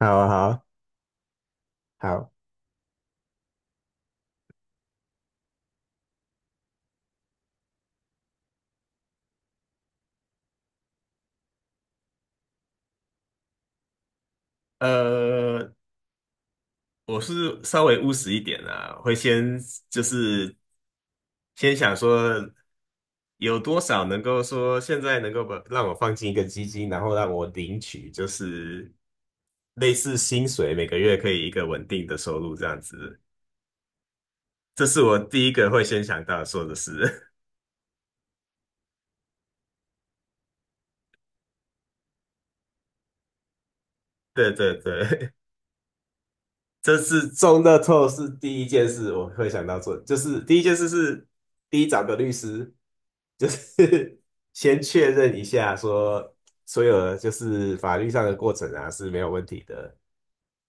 好啊好啊好，呃，我是稍微务实一点啊，会先就是先想说有多少能够说现在能够把让我放进一个基金，然后让我领取就是类似薪水，每个月可以一个稳定的收入这样子。这是我第一个会先想到说的事。对对对，这是中乐透是第一件事我会想到做，就是第一件事是第一找个律师，就是 先确认一下说所有的就是法律上的过程啊是没有问题的。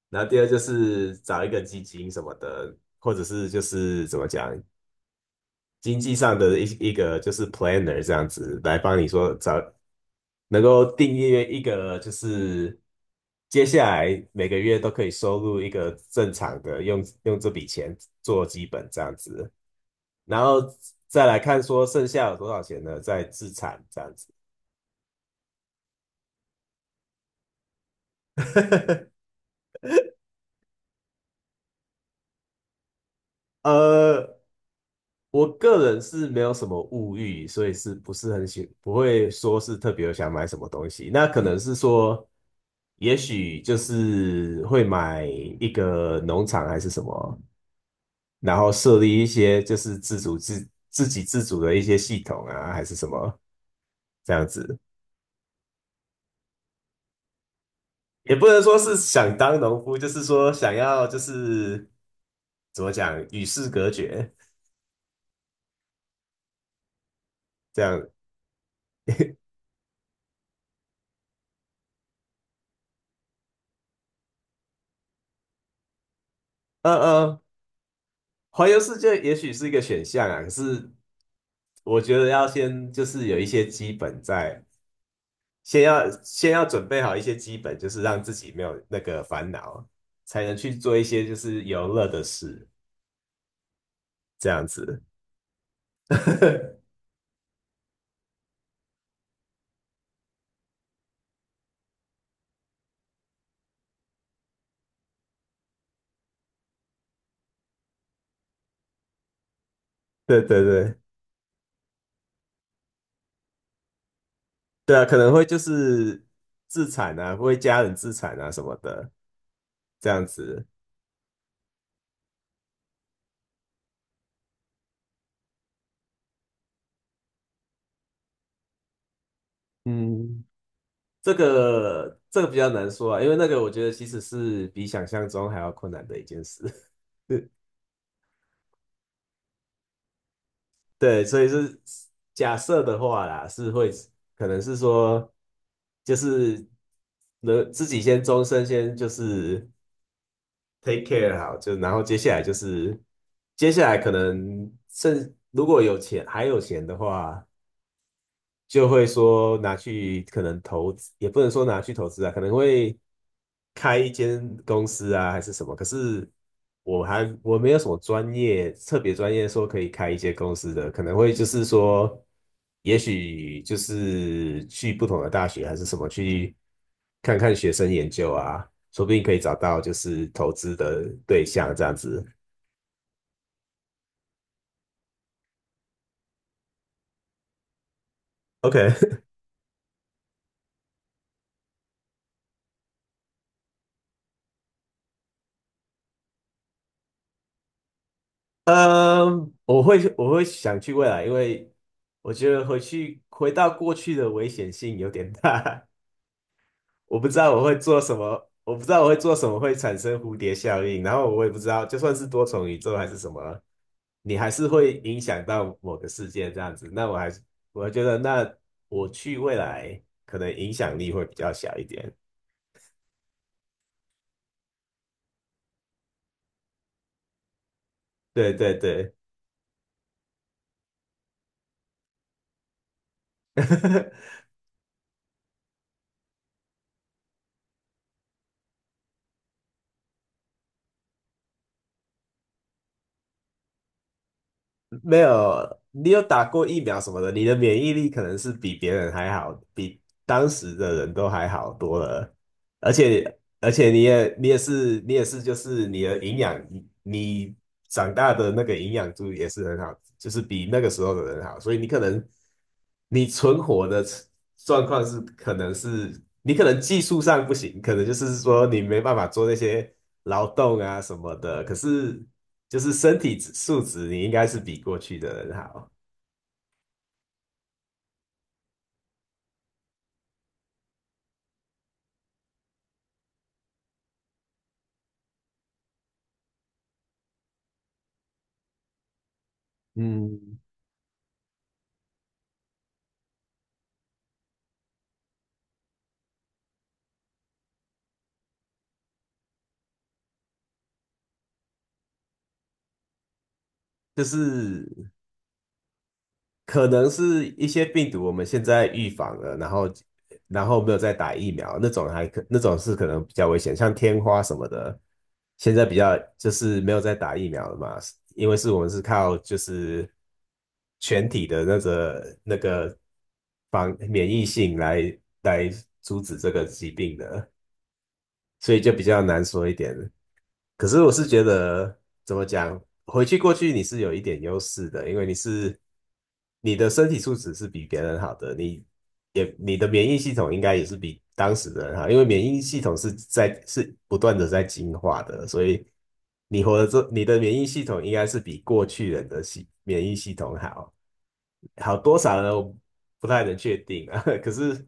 然后第二就是找一个基金什么的，或者是就是怎么讲经济上的一个就是 planner 这样子来帮你说找能够订阅一个，就是接下来每个月都可以收入一个正常的，用这笔钱做基本这样子，然后再来看说剩下有多少钱呢，再自产这样子。呃，我个人是没有什么物欲，所以是不是很喜，不会说是特别想买什么东西。那可能是说，也许就是会买一个农场还是什么。然后设立一些就是自主自给自足的一些系统啊，还是什么这样子，也不能说是想当农夫，就是说想要就是怎么讲与世隔绝这样。嗯嗯，环游世界也许是一个选项啊，可是我觉得要先就是有一些基本在，先要准备好一些基本，就是让自己没有那个烦恼，才能去做一些就是游乐的事，这样子。对对对。对啊，可能会就是自产啊，为家人自产啊什么的，这样子。嗯，这个比较难说啊，因为那个我觉得其实是比想象中还要困难的一件事。对，所以是假设的话啦，是会可能是说，就是能自己先终身先就是 take care 好，就然后接下来可能如果有钱还有钱的话。就会说拿去可能投资，也不能说拿去投资啊，可能会开一间公司啊，还是什么。可是我没有什么专业，特别专业说可以开一些公司的，可能会就是说，也许就是去不同的大学还是什么去看看学生研究啊，说不定可以找到就是投资的对象这样子。OK，嗯，我会想去未来，因为我觉得回到过去的危险性有点大。我不知道我会做什么，我不知道我会做什么会产生蝴蝶效应，然后我也不知道，就算是多重宇宙还是什么，你还是会影响到某个世界这样子。那我还是我觉得，那我去未来可能影响力会比较小一点。对对对，没有，你有打过疫苗什么的，你的免疫力可能是比别人还好，比当时的人都还好多了。而且，你也你也是你也是就是你的营养，你长大的那个营养度也是很好，就是比那个时候的人好，所以你可能你存活的状况是可能是你可能技术上不行，可能就是说你没办法做那些劳动啊什么的，可是。就是身体素质，你应该是比过去的人好。嗯就是可能是一些病毒我们现在预防了，然后没有再打疫苗，那种是可能比较危险，像天花什么的，现在比较就是没有再打疫苗了嘛，因为是我们是靠就是全体的那个防免疫性来阻止这个疾病的。所以就比较难说一点。可是我是觉得，怎么讲，回去过去有一点优势的，因为你是你的身体素质是比别人好的，你的免疫系统应该也是比当时的人好，因为免疫系统是在不断的在进化的，所以你的免疫系统应该是比过去人的免疫系统好，好多少呢？我不太能确定啊，可是。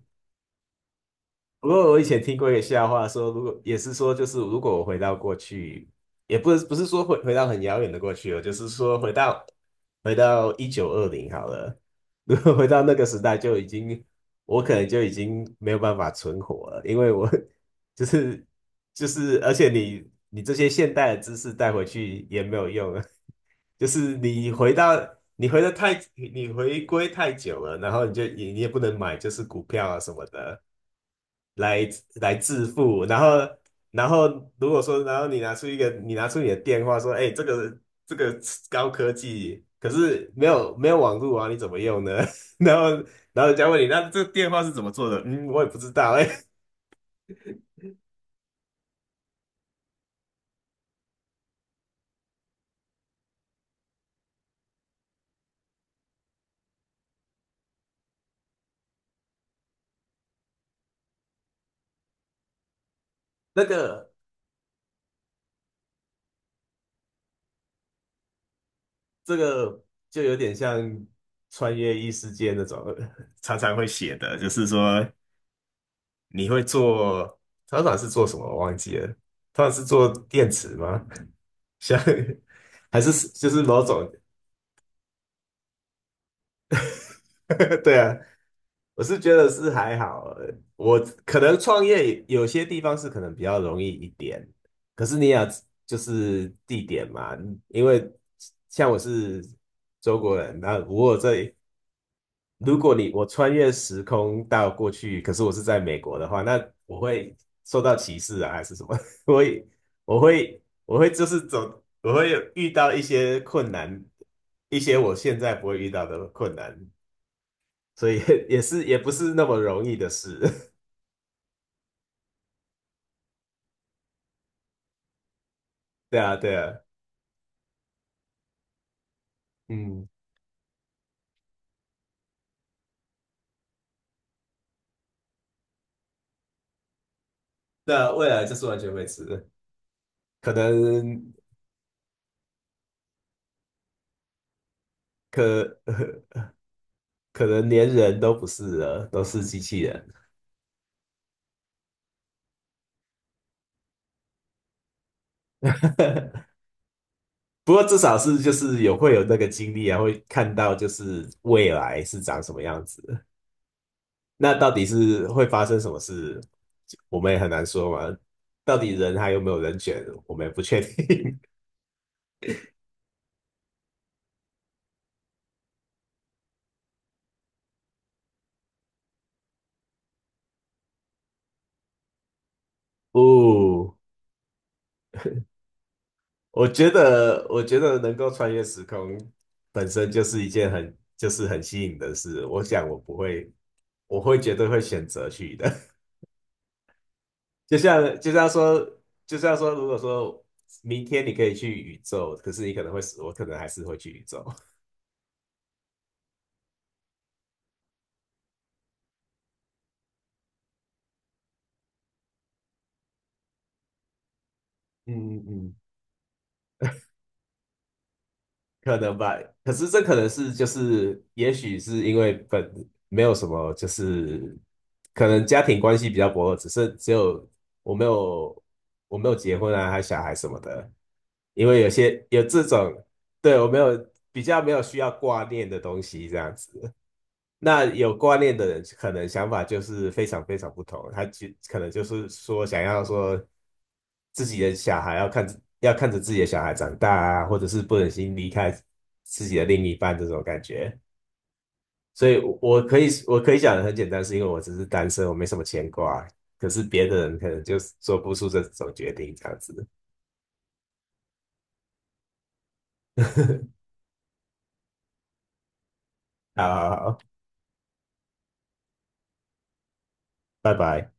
不过我以前听过一个笑话说，如果也是说，就是如果我回到过去，也不是说回到很遥远的过去哦，就是说回到1920好了，如果回到那个时代，就已经我可能就已经没有办法存活了，因为我就是就是，而且你这些现代的知识带回去也没有用啊，就是你回到你回的太你回归太久了，然后你就你你也不能买就是股票啊什么的来来致富，然后然后如果说然后你拿出你的电话说，哎，这个高科技，可是没有网络啊，你怎么用呢？然后人家问你，那这个电话是怎么做的？嗯，我也不知道哎。那个这个就有点像穿越异世界那种，常常会写的，就是说你会做，常常是做什么我忘记了，通常是做电池吗？像还是就是某种，对啊，我是觉得是还好，我可能创业有些地方是可能比较容易一点，可是你也要就是地点嘛，因为像我是中国人，那如果这如果你我穿越时空到过去，可是我是在美国的话，那我会受到歧视啊，还是什么？我会我会我会就是走，我会有遇到一些困难，一些我现在不会遇到的困难，所以 也不是那么容易的事。对啊，对啊，嗯，那未来就是完全未知的可能可 可能连人都不是了，都是机器人。不过至少是就是有会有那个经历啊，会看到就是未来是长什么样子。那到底是会发生什么事，我们也很难说嘛。到底人还有没有人选，我们也不确定。哦，我觉得，我觉得能够穿越时空本身就是一件很就是很吸引的事。我想我不会，我会绝对会选择去的。就像就像说，就像说，如果说明天你可以去宇宙，可是你可能会死，我可能还是会去宇宙，嗯嗯嗯，可能吧。可是这可能是就是，也许是因为本没有什么，就是可能家庭关系比较薄弱，只有我没有我没有结婚啊，还有小孩什么的。因为有些有这种，对，我没有比较没有需要挂念的东西这样子。那有观念的人，可能想法就是非常非常不同。他就可能就是说，想要说自己的小孩要看着自己的小孩长大啊，或者是不忍心离开自己的另一半这种感觉。所以我可以讲的很简单，是因为我只是单身，我没什么牵挂。可是别的人可能就是做不出这种决定，这样子。好好好，拜拜。